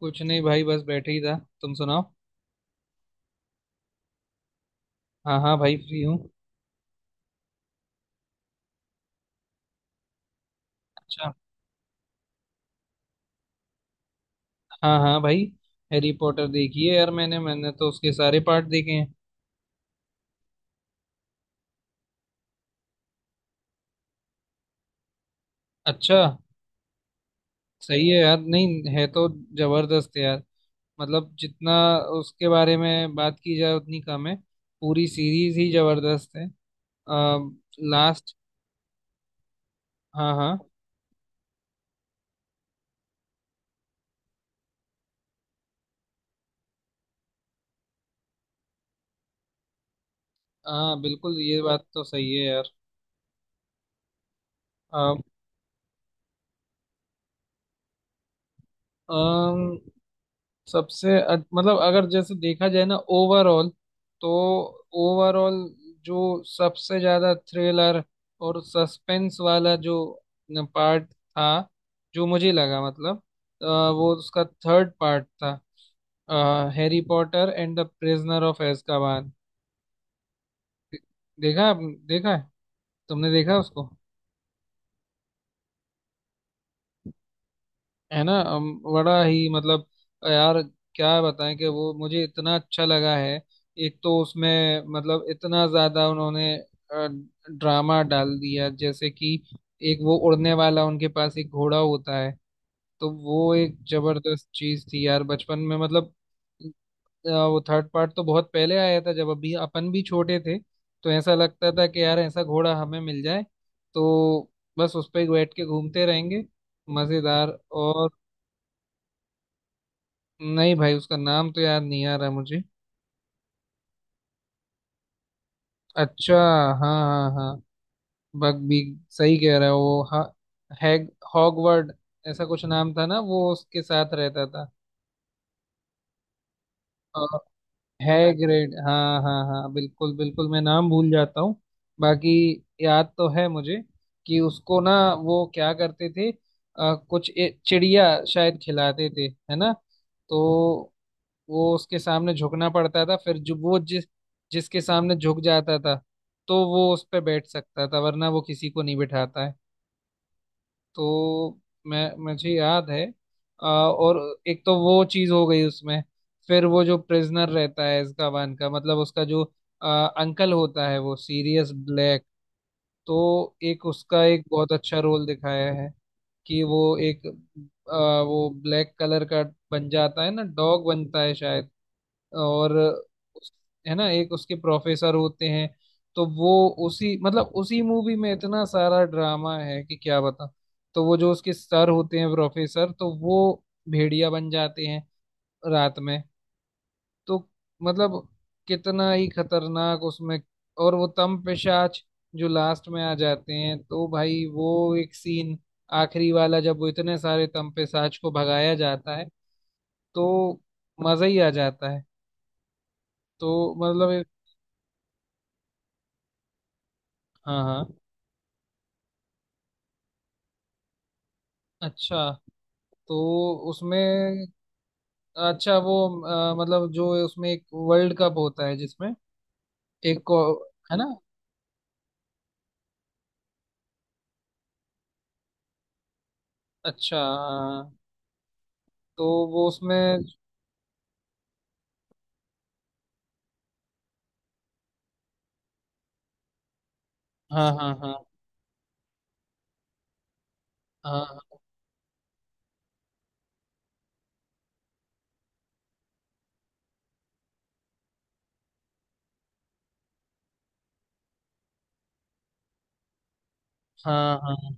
कुछ नहीं भाई, बस बैठे ही था। तुम सुनाओ। हाँ हाँ भाई, फ्री हूँ। अच्छा। हाँ हाँ भाई, हैरी पॉटर देखी है यार मैंने मैंने तो उसके सारे पार्ट देखे हैं। अच्छा। सही है यार, नहीं है तो। जबरदस्त है यार। मतलब जितना उसके बारे में बात की जाए उतनी कम है। पूरी सीरीज ही जबरदस्त है। आ, लास्ट। हाँ हाँ। हाँ बिल्कुल, ये बात तो सही है यार। अम, मतलब अगर जैसे देखा जाए ना, ओवरऑल तो। ओवरऑल जो सबसे ज्यादा थ्रिलर और सस्पेंस वाला जो पार्ट था, जो मुझे लगा, मतलब वो उसका थर्ड पार्ट था। Harry Potter and the prisoner of Azkaban. देखा है तुमने, देखा उसको? है ना। बड़ा ही, मतलब यार क्या बताएं कि वो मुझे इतना अच्छा लगा है। एक तो उसमें, मतलब इतना ज्यादा उन्होंने ड्रामा डाल दिया, जैसे कि एक वो उड़ने वाला उनके पास एक घोड़ा होता है, तो वो एक जबरदस्त चीज थी यार बचपन में। मतलब वो थर्ड पार्ट तो बहुत पहले आया था, जब अभी अपन भी छोटे थे। तो ऐसा लगता था कि यार ऐसा घोड़ा हमें मिल जाए, तो बस उस पे बैठ के घूमते रहेंगे। मजेदार। और नहीं भाई, उसका नाम तो याद नहीं आ रहा मुझे। अच्छा। हाँ हाँ हाँ। बग भी सही कह रहा है वो। हैग हॉगवर्ड, ऐसा कुछ नाम था ना, वो उसके साथ रहता था। और हैग्रिड, हाँ हाँ हाँ, बिल्कुल बिल्कुल, मैं नाम भूल जाता हूँ, बाकी याद तो है मुझे। कि उसको ना, वो क्या करते थे, कुछ चिड़िया शायद खिलाते थे, है ना। तो वो उसके सामने झुकना पड़ता था, फिर जो वो जिसके सामने झुक जाता था, तो वो उस पे बैठ सकता था, वरना वो किसी को नहीं बिठाता है। तो मैं मुझे याद है। और एक तो वो चीज हो गई उसमें। फिर वो जो प्रिजनर रहता है अजकाबान का, मतलब उसका जो अंकल होता है, वो सीरियस ब्लैक, तो एक उसका एक बहुत अच्छा रोल दिखाया है कि वो एक अ, वो ब्लैक कलर का बन जाता है ना, डॉग बनता है शायद। और उस- है ना, एक उसके प्रोफेसर होते हैं, तो वो उसी, मतलब उसी मूवी में इतना सारा ड्रामा है कि क्या बता। तो वो जो उसके सर होते हैं प्रोफेसर, तो वो भेड़िया बन जाते हैं रात में। तो मतलब कितना ही खतरनाक उसमें। और वो तम पिशाच जो लास्ट में आ जाते हैं, तो भाई वो एक सीन, आखिरी वाला, जब वो इतने सारे तम पिशाच को भगाया जाता है, तो मजा ही आ जाता है। तो मतलब हाँ हाँ। अच्छा, तो उसमें। अच्छा वो मतलब जो उसमें एक वर्ल्ड कप होता है जिसमें एक को, है ना। अच्छा हाँ, तो वो उसमें। हाँ हाँ हाँ। हाँ हाँ हाँ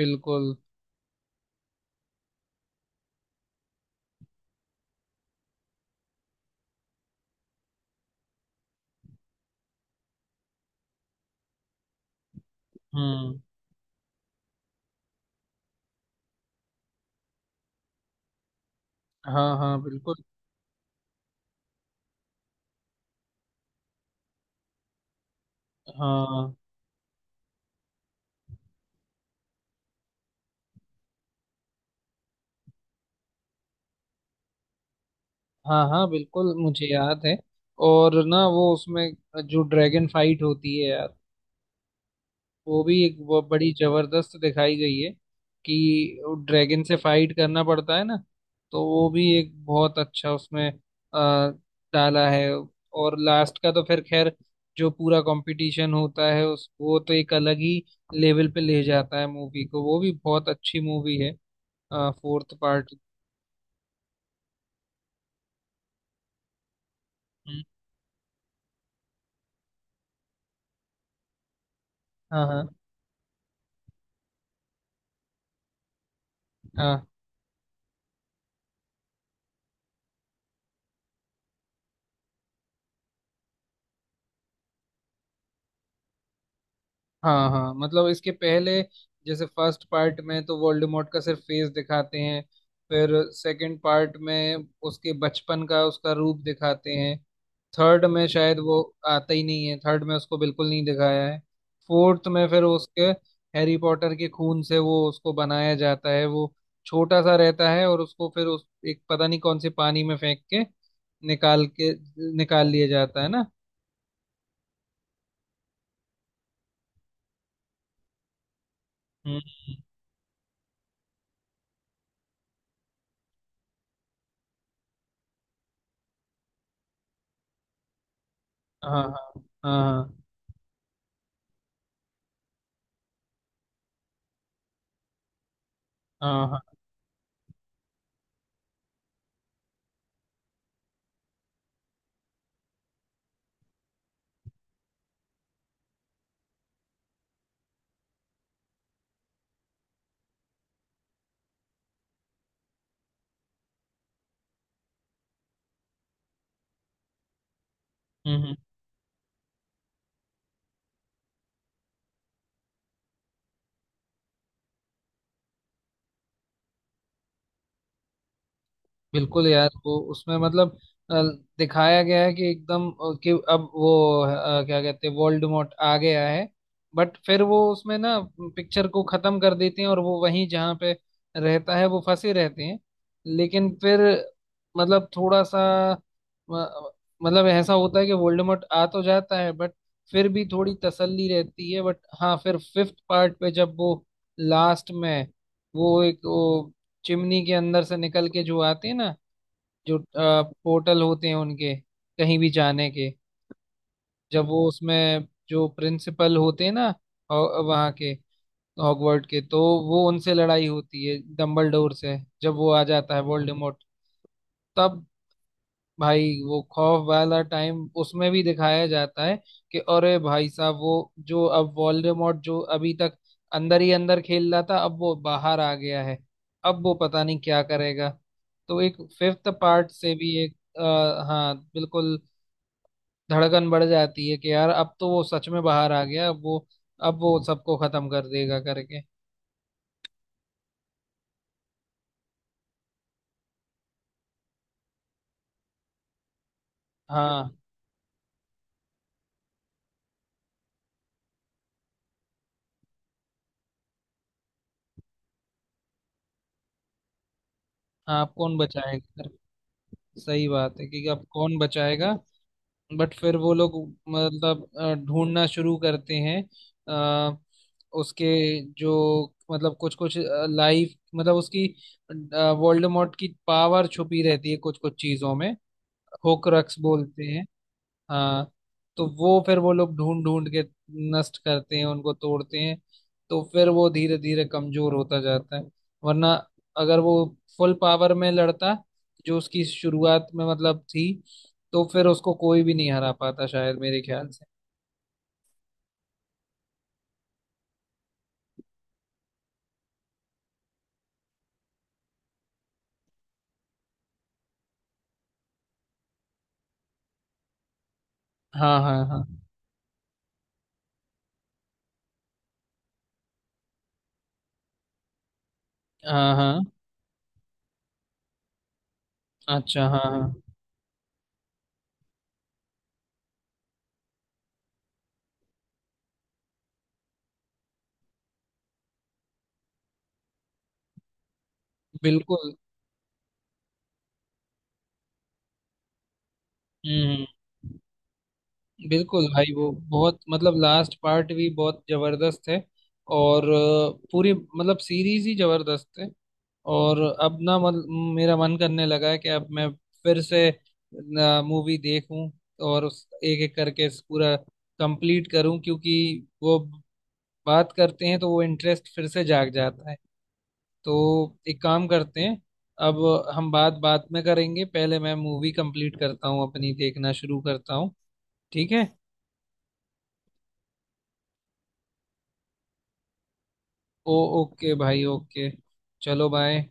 बिल्कुल। हम्म। हाँ हाँ बिल्कुल। हाँ हाँ हाँ बिल्कुल, मुझे याद है। और ना वो उसमें जो ड्रैगन फाइट होती है यार, वो भी एक वो बड़ी जबरदस्त दिखाई गई है कि ड्रैगन से फाइट करना पड़ता है ना। तो वो भी एक बहुत अच्छा उसमें डाला है। और लास्ट का तो फिर खैर, जो पूरा कंपटीशन होता है उस, वो तो एक अलग ही लेवल पे ले जाता है मूवी को। वो भी बहुत अच्छी मूवी है, फोर्थ पार्ट। हाँ हाँ। हाँ हाँ हाँ, मतलब इसके पहले जैसे फर्स्ट पार्ट में तो वोल्डेमॉर्ट का सिर्फ फेस दिखाते हैं, फिर सेकंड पार्ट में उसके बचपन का उसका रूप दिखाते हैं, थर्ड में शायद वो आता ही नहीं है, थर्ड में उसको बिल्कुल नहीं दिखाया है। फोर्थ में फिर उसके हैरी पॉटर के खून से वो उसको बनाया जाता है, वो छोटा सा रहता है और उसको फिर उस एक, पता नहीं कौन से पानी में फेंक के निकाल लिया जाता है ना। हम्म। हाँ हाँ हाँ। हाँ हाँ हाँ। हम्म हम्म। बिल्कुल यार, वो उसमें मतलब अ, दिखाया गया है कि एकदम कि अब वो क्या कहते हैं, वोल्डेमॉर्ट आ गया है। बट फिर वो उसमें ना पिक्चर को खत्म कर देते हैं, और वो वहीं जहाँ पे रहता है वो फंसे रहते हैं। लेकिन फिर मतलब थोड़ा सा अ, मतलब ऐसा होता है कि वोल्डेमॉर्ट आ तो जाता है, बट फिर भी थोड़ी तसल्ली रहती है। बट हाँ फिर फिफ्थ पार्ट पे जब वो लास्ट में, वो एक वो चिमनी के अंदर से निकल के जो आते हैं ना, जो पोर्टल होते हैं उनके कहीं भी जाने के, जब वो उसमें जो प्रिंसिपल होते हैं ना, वहाँ के हॉगवर्ड के, तो वो उनसे लड़ाई होती है डम्बलडोर से, जब वो आ जाता है वोल्डेमॉर्ट, तब भाई वो खौफ वाला टाइम उसमें भी दिखाया जाता है कि अरे भाई साहब, वो जो अब वोल्डेमॉर्ट जो अभी तक अंदर ही अंदर खेल रहा था, अब वो बाहर आ गया है, अब वो पता नहीं क्या करेगा। तो एक फिफ्थ पार्ट से भी एक हाँ बिल्कुल, धड़कन बढ़ जाती है कि यार अब तो वो सच में बाहर आ गया, अब वो सबको खत्म कर देगा करके। हाँ हाँ, अब कौन बचाएगा, सही बात है कि अब कौन बचाएगा। बट फिर वो लोग मतलब ढूंढना शुरू करते हैं आ, उसके जो, मतलब कुछ कुछ लाइफ, मतलब उसकी वोल्डेमॉर्ट की पावर छुपी रहती है कुछ कुछ चीजों में, होक्रक्स बोलते हैं। हाँ। तो वो, फिर वो लोग ढूंढ ढूंढ के नष्ट करते हैं, उनको तोड़ते हैं, तो फिर वो धीरे धीरे कमजोर होता जाता है। वरना अगर वो फुल पावर में लड़ता जो उसकी शुरुआत में मतलब थी, तो फिर उसको कोई भी नहीं हरा पाता शायद, मेरे ख्याल से। हाँ हाँ। हाँ हाँ हाँ। अच्छा हाँ हाँ बिल्कुल। हम्म हम्म। बिल्कुल भाई, वो बहुत, मतलब लास्ट पार्ट भी बहुत जबरदस्त है। और पूरी मतलब सीरीज ही जबरदस्त है। और अब ना मत, मेरा मन करने लगा है कि अब मैं फिर से मूवी देखूं, और उस एक एक करके इस पूरा कंप्लीट करूं। क्योंकि वो बात करते हैं तो वो इंटरेस्ट फिर से जाग जाता है। तो एक काम करते हैं अब, हम बात बात में करेंगे, पहले मैं मूवी कंप्लीट करता हूं अपनी, देखना शुरू करता हूं। ठीक है। ओ, ओके भाई, ओके। चलो बाय।